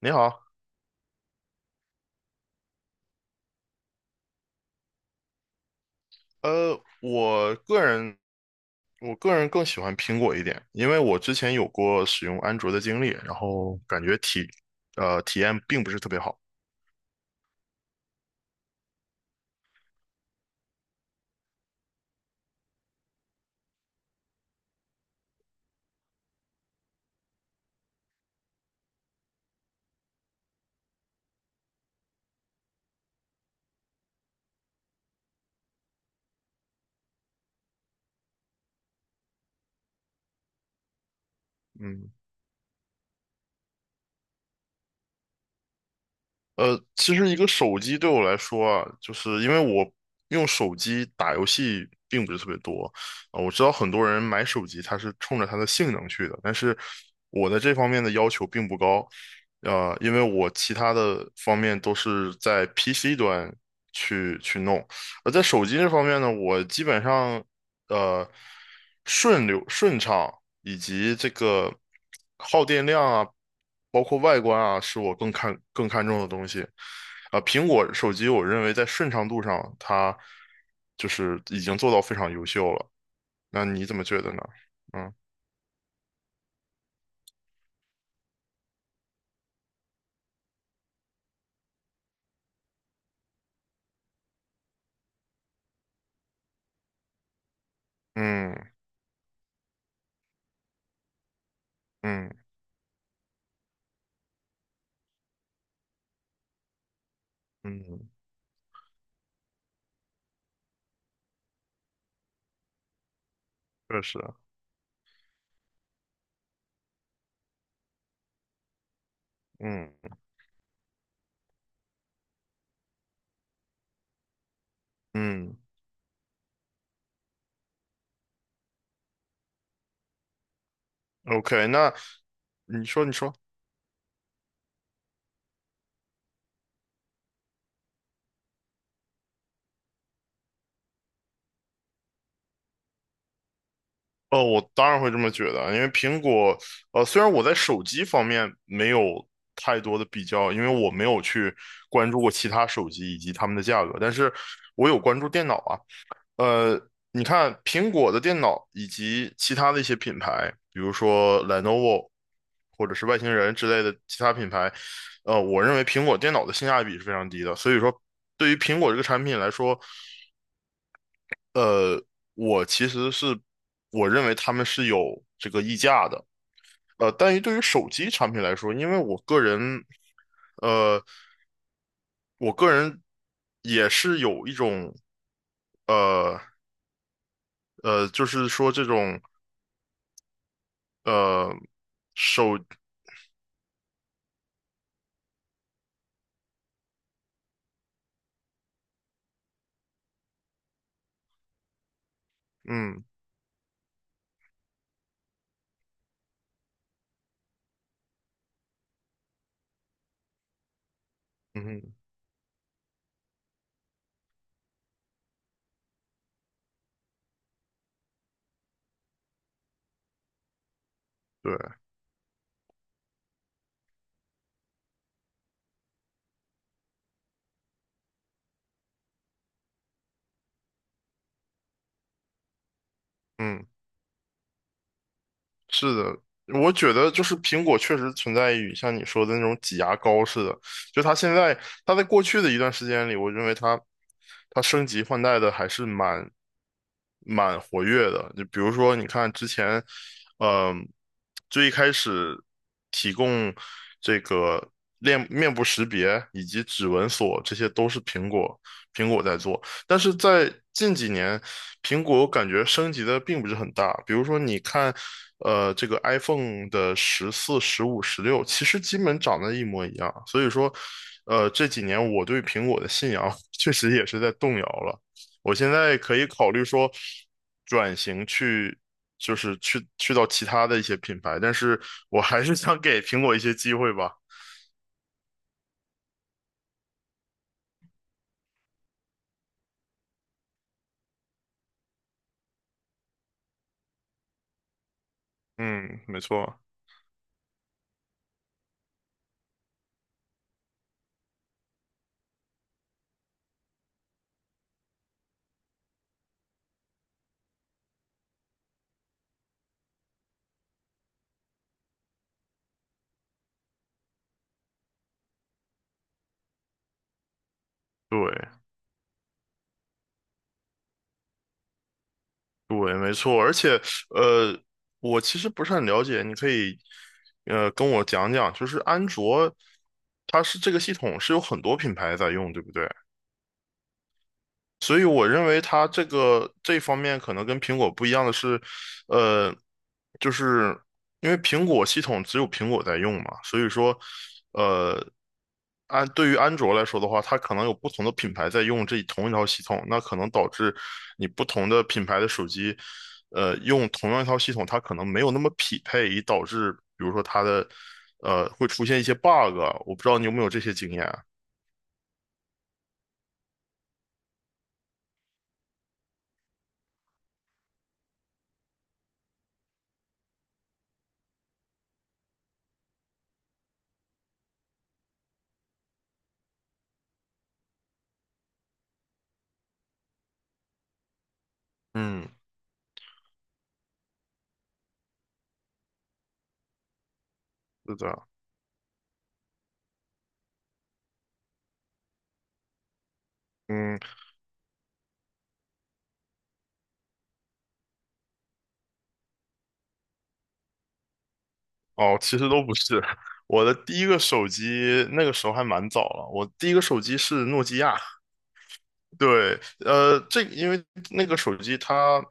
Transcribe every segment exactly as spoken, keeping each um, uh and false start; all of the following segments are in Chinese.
你好，呃，我个人我个人更喜欢苹果一点，因为我之前有过使用安卓的经历，然后感觉体呃体验并不是特别好。嗯，呃，其实一个手机对我来说啊，就是因为我用手机打游戏并不是特别多啊，我知道很多人买手机他是冲着它的性能去的，但是我在这方面的要求并不高，呃，因为我其他的方面都是在 P C 端去去弄，而在手机这方面呢，我基本上。呃顺流顺畅以及这个耗电量啊，包括外观啊，是我更看更看重的东西。啊、苹果手机我认为在顺畅度上，它就是已经做到非常优秀了。那你怎么觉得呢？嗯嗯嗯嗯，确实，嗯嗯，OK，那你说你说。呃，我当然会这么觉得啊，因为苹果，呃，虽然我在手机方面没有太多的比较，因为我没有去关注过其他手机以及它们的价格，但是我有关注电脑啊。呃，你看苹果的电脑以及其他的一些品牌，比如说 Lenovo 或者是外星人之类的其他品牌，呃，我认为苹果电脑的性价比是非常低的，所以说对于苹果这个产品来说，呃，我其实是我认为他们是有这个溢价的，呃，但于对于手机产品来说，因为我个人，呃，我个人也是有一种，呃呃，就是说这种呃手，嗯嗯，对，嗯。是的，我觉得就是苹果确实存在于像你说的那种挤牙膏似的，就它现在，它在过去的一段时间里，我认为它它升级换代的还是蛮蛮活跃的。就比如说，你看之前，嗯、最一开始提供这个面面部识别以及指纹锁，这些都是苹果苹果在做。但是在近几年，苹果感觉升级的并不是很大。比如说，你看，呃，这个 iPhone 的十四、十五、十六，其实基本长得一模一样。所以说，呃，这几年我对苹果的信仰 确实也是在动摇了。我现在可以考虑说转型去，就是去去到其他的一些品牌，但是我还是想给苹果一些机会吧。嗯，没错，对。对，没错，而且呃，我其实不是很了解，你可以呃跟我讲讲，就是安卓，它是这个系统是有很多品牌在用，对不对？所以我认为它这个这方面可能跟苹果不一样的是，呃，就是因为苹果系统只有苹果在用嘛，所以说，呃，安对于安卓来说的话，它可能有不同的品牌在用这同一套系统，那可能导致你不同的品牌的手机，呃，用同样一套系统，它可能没有那么匹配，以导致比如说它的，呃，会出现一些 bug，啊我不知道你有没有这些经验啊。嗯，是的，嗯。哦，其实都不是。我的第一个手机那个时候还蛮早了，我第一个手机是诺基亚，对，呃，这个因为那个手机它，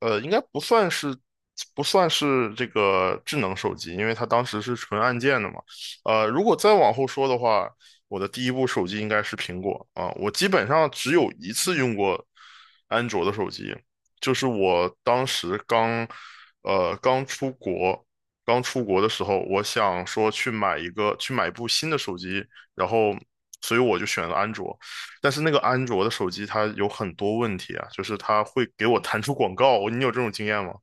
呃，应该不算是不算是这个智能手机，因为它当时是纯按键的嘛。呃，如果再往后说的话，我的第一部手机应该是苹果啊，我基本上只有一次用过安卓的手机，就是我当时刚，呃，刚出国，刚出国的时候，我想说去买一个去买一部新的手机，然后，所以我就选了安卓。但是那个安卓的手机它有很多问题啊，就是它会给我弹出广告，你有这种经验吗？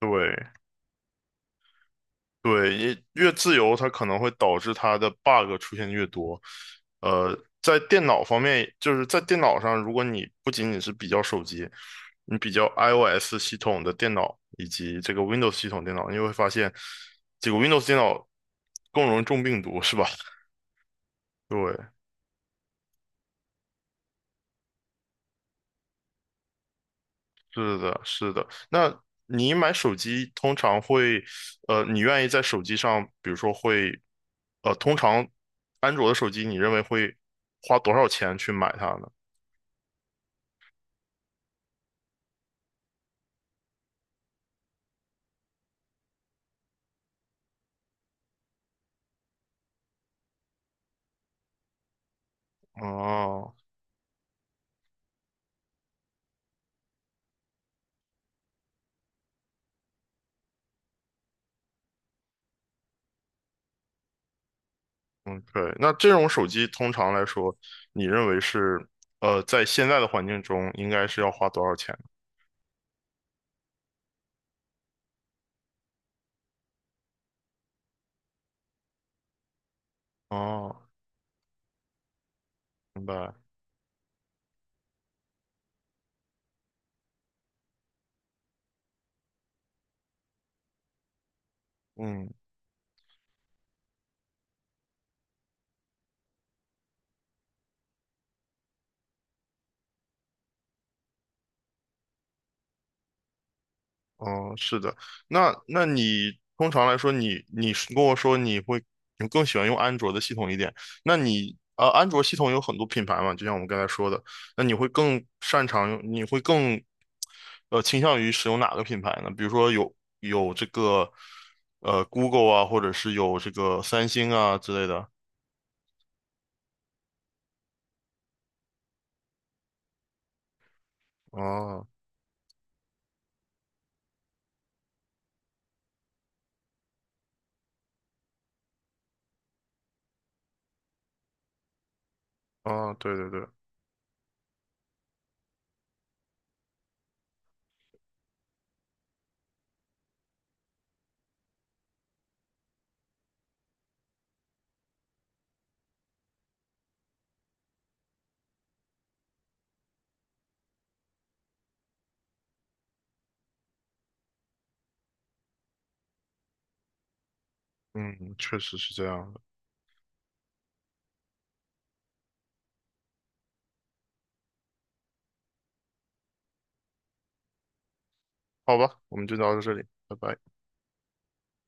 对对，也越自由，它可能会导致它的 bug 出现越多。呃，在电脑方面，就是在电脑上，如果你不仅仅是比较手机，你比较 i O S 系统的电脑以及这个 Windows 系统电脑，你会发现这个 Windows 电脑更容易中病毒，是吧？对，是的，是的。那你买手机通常会，呃，你愿意在手机上，比如说会，呃，通常安卓的手机，你认为会花多少钱去买它呢？哦嗯，对。那这种手机通常来说，你认为是，呃，在现在的环境中应该是要花多少钱呢？哦，明白。嗯。哦，是的，那那你通常来说你，你是跟我说你会你更喜欢用安卓的系统一点，那你呃，安卓系统有很多品牌嘛，就像我们刚才说的，那你会更擅长用，你会更呃倾向于使用哪个品牌呢？比如说有有这个呃 Google 啊，或者是有这个三星啊之类的。哦哦，对对对，嗯，确实是这样的。好吧，我们就聊到这里，拜拜。